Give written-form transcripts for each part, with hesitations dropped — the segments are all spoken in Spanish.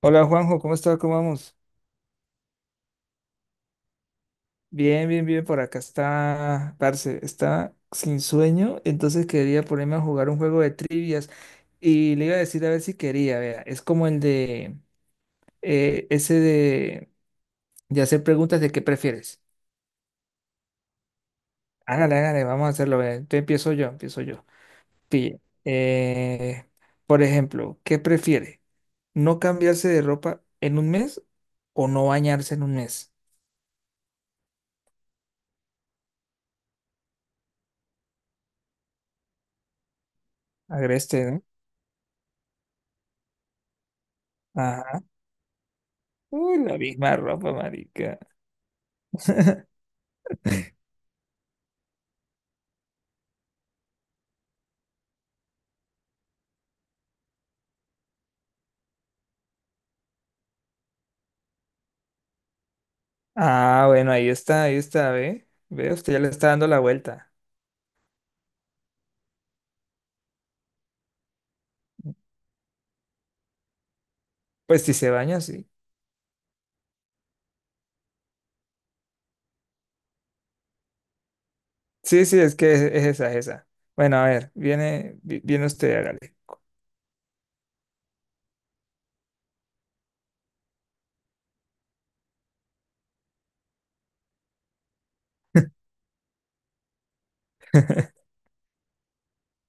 Hola Juanjo, ¿cómo está? ¿Cómo vamos? Bien, bien, bien, por acá está, parce, está sin sueño, entonces quería ponerme a jugar un juego de trivias y le iba a decir a ver si quería, vea, es como el de, ese de hacer preguntas de qué prefieres. Hágale, hágale, vamos a hacerlo, vea, entonces empiezo yo, empiezo yo. Pille, eh, por ejemplo, ¿qué prefiere? ¿No cambiarse de ropa en un mes o no bañarse en un mes? Agreste, ¿no? Uy, la misma ropa, marica. Ah, bueno, ahí está, ve. Ve, usted ya le está dando la vuelta. Pues si se baña, sí. Sí, sí, es que es esa, es esa. Bueno, a ver, viene usted, hágale.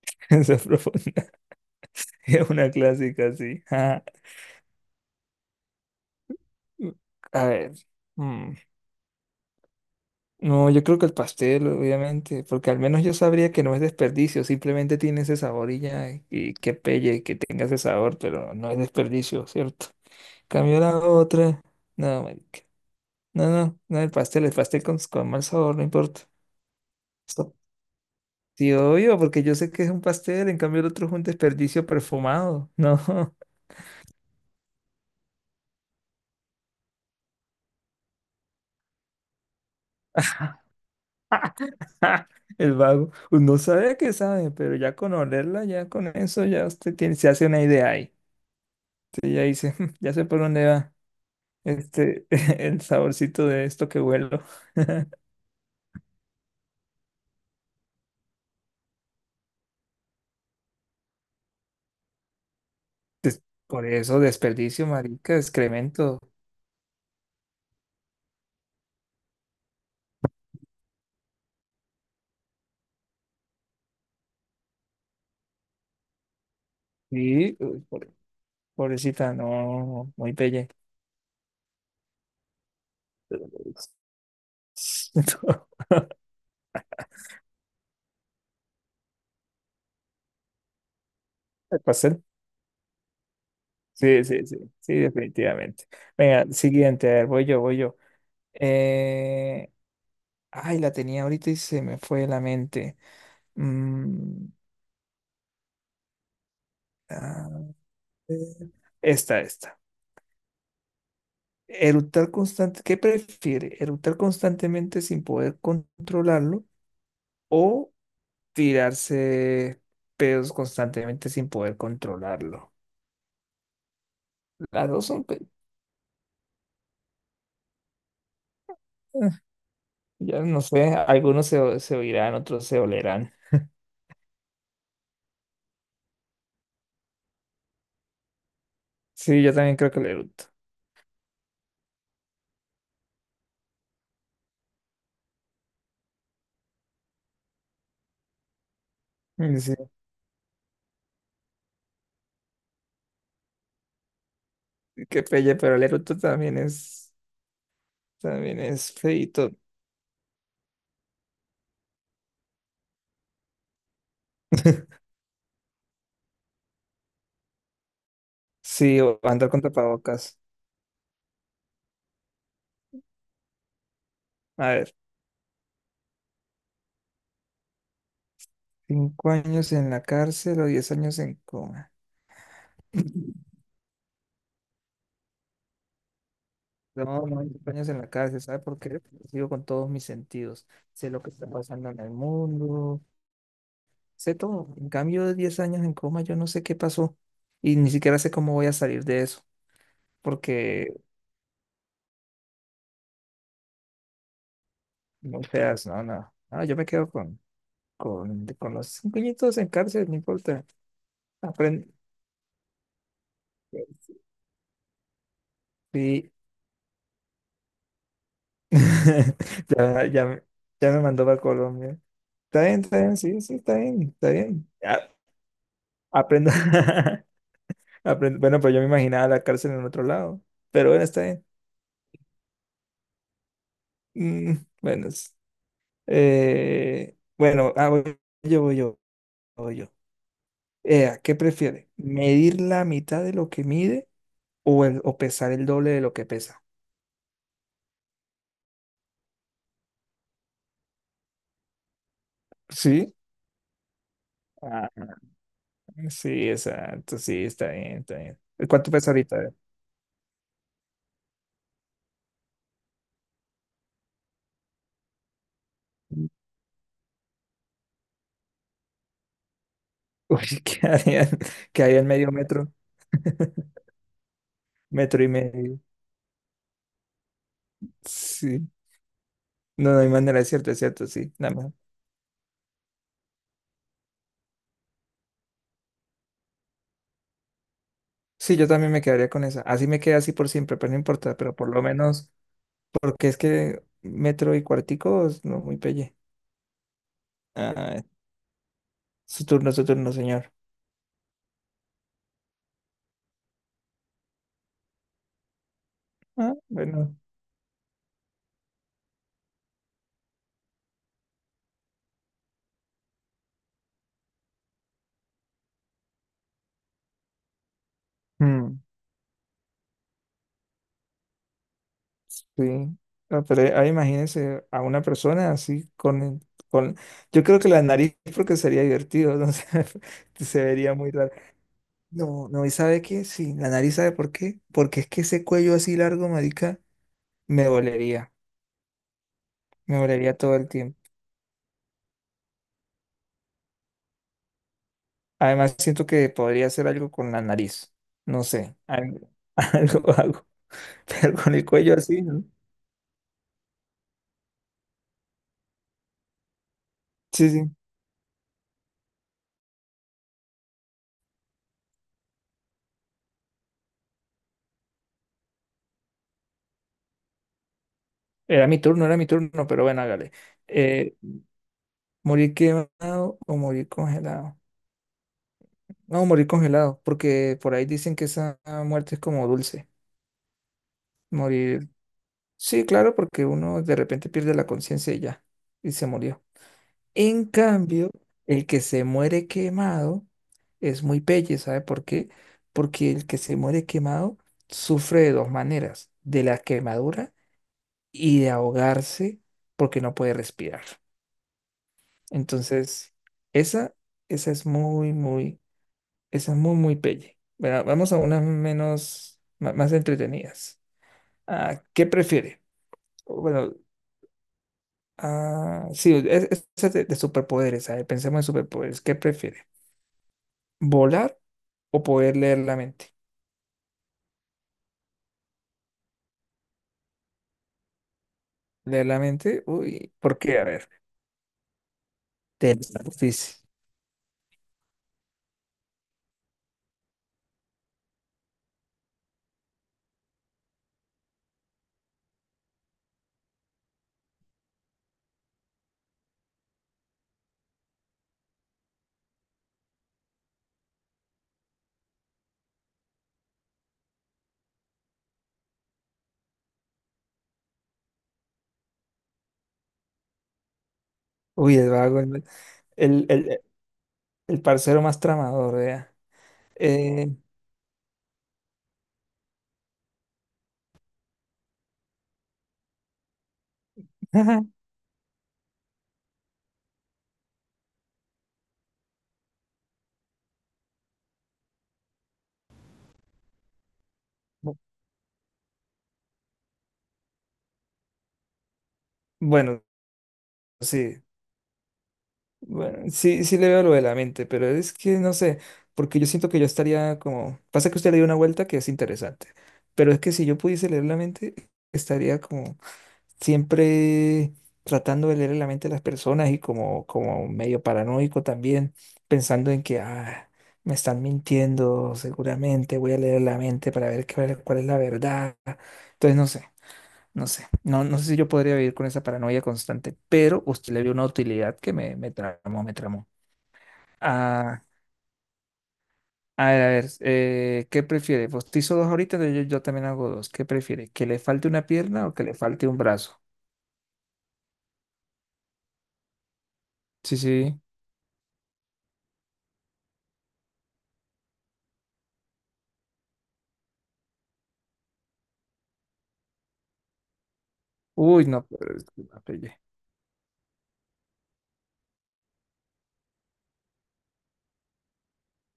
Esa es profunda. Es una clásica, así. A ver. mm, No, yo creo que el pastel, obviamente, porque al menos yo sabría que no es desperdicio, simplemente tiene ese sabor y ya, y que pelle, que tenga ese sabor, pero no es desperdicio, ¿cierto? Cambió la otra. No, marica. No, no, no el pastel, el pastel con mal sabor, no importa. Esto- Sí, obvio, porque yo sé que es un pastel, en cambio el otro es un desperdicio perfumado. No, el vago. Pues, no sabe a qué sabe, pero ya con olerla, ya con eso, ya usted tiene, se hace una idea ahí. Usted ya dice, "Mm, ya sé por dónde va este, el saborcito de esto que huelo." Des- Por eso, desperdicio, marica, excremento. Sí, uy, pobrecita, no, muy pelle. El pastel. Sí, sí, sí, sí, definitivamente. Venga, siguiente, a ver, voy yo, voy yo. Eh, ay, la tenía ahorita y se me fue de la mente. Mm, a ver, esta, esta. Eructar constante, ¿qué prefiere? ¿Eructar constantemente sin poder controlarlo o tirarse pedos constantemente sin poder controlarlo? Las dos son, eh, ya no sé, algunos se, se oirán, otros se olerán. Sí, yo también creo que el eructo. Sí, qué pelle, pero el eructo también es feíto. Sí, o andar con tapabocas. A ver, 5 años en la cárcel o 10 años en coma. No, no, 5 años en la cárcel, ¿sabe por qué? Porque sigo con todos mis sentidos. Sé lo que está pasando en el mundo, sé todo. En cambio, de 10 años en coma, yo no sé qué pasó y ni siquiera sé cómo voy a salir de eso, porque no seas, no, no, no, yo me quedo con los 5 añitos en cárcel, no importa. Apren- Sí. Ya, ya me mandó para Colombia. Está bien, sí, sí, está bien, está bien. A aprendo. Aprendo. Bueno, pues yo me imaginaba la cárcel en otro lado. Pero bueno, está bien. Mm, bueno, bueno, ah, voy yo, voy yo, voy yo. ¿Qué prefiere? ¿Medir la mitad de lo que mide o, o pesar el doble de lo que pesa? Sí. Ah, sí, exacto, sí, está bien, está bien. ¿Cuánto pesa ahorita? Uy, que había en medio metro, metro y medio. Sí, no, no hay manera, es cierto, sí, nada más. Sí, yo también me quedaría con esa. Así me queda así por siempre, pero no importa, pero por lo menos, porque es que metro y cuartico, no, muy pelle. Ah, su turno, señor. Ah, bueno. Mm, sí. Ah, pero ahí imagínense a una persona así con, con, yo creo que la nariz porque sería divertido, no sé, se vería muy raro. No, no, y sabe qué, sí, la nariz sabe por qué, porque es que ese cuello así largo, marica, me dolería, me dolería todo el tiempo. Además, siento que podría hacer algo con la nariz, no sé, algo, algo hago, pero con el cuello así, ¿no? Sí, sí, era mi turno, pero bueno, hágale. Eh, ¿Morir quemado o morir congelado? No, morir congelado, porque por ahí dicen que esa muerte es como dulce, morir, sí, claro, porque uno de repente pierde la conciencia y ya, y se murió. En cambio, el que se muere quemado es muy pelle, ¿sabe por qué? Porque el que se muere quemado sufre de dos maneras, de la quemadura y de ahogarse porque no puede respirar. Entonces, esa, esa es muy, muy, esa es muy, muy pelle. Bueno, vamos a unas menos, más entretenidas. Ah, ¿qué prefiere? Bueno, ah, sí, es de superpoderes, ¿sabe? Pensemos en superpoderes. ¿Qué prefiere? ¿Volar? O poder leer la mente. Leer la mente, uy, ¿por qué? A ver, te dice. Uy, el vago, el, el- el parcero más tramador, vea. Eh, bueno, sí, bueno, sí, sí le veo lo de la mente, pero es que no sé, porque yo siento que yo estaría como, pasa que usted le dio una vuelta que es interesante, pero es que si yo pudiese leer la mente, estaría como siempre tratando de leer la mente de las personas y como, como medio paranoico también, pensando en que ah, me están mintiendo, seguramente voy a leer la mente para ver qué vale, cuál es la verdad. Entonces, no sé, no sé, no, no sé si yo podría vivir con esa paranoia constante, pero usted le vio una utilidad que me tramó, me tramó. Ah, a ver, ¿qué prefiere? Pues te hizo dos ahorita, entonces yo también hago dos. ¿Qué prefiere? ¿Que le falte una pierna o que le falte un brazo? Sí, sí. Uy, no, pero es que una pelle.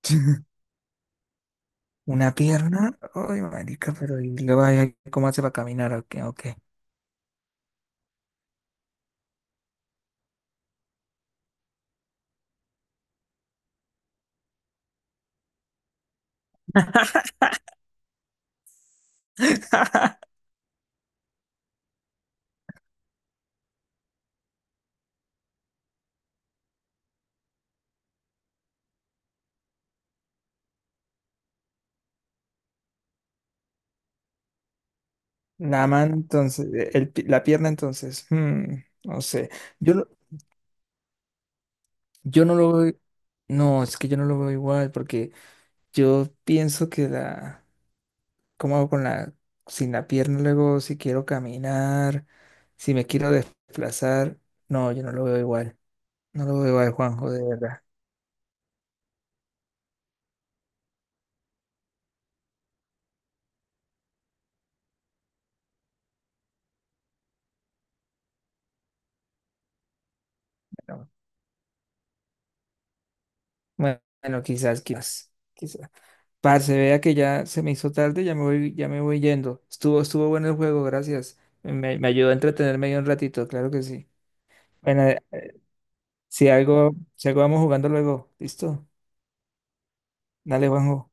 ¿Una pierna? Uy, marica, pero y luego ahí, ¿cómo hace para caminar? Ok, ok. La mano, entonces, la pierna, entonces, mm, no sé. Yo, no- yo no lo veo. No, es que yo no lo veo igual, porque yo pienso que la. ¿Cómo hago con la. Sin la pierna, luego, si quiero caminar, si me quiero desplazar. No, yo no lo veo igual. No lo veo igual, Juanjo, de verdad. Bueno, bueno, quizás, quizás, quizás. Parce, vea que ya se me hizo tarde, ya me voy yendo. Estuvo, estuvo bueno el juego, gracias. Me ayudó a entretenerme ahí un ratito, claro que sí. Bueno, si algo, si algo vamos jugando luego, ¿listo? Dale, Juanjo.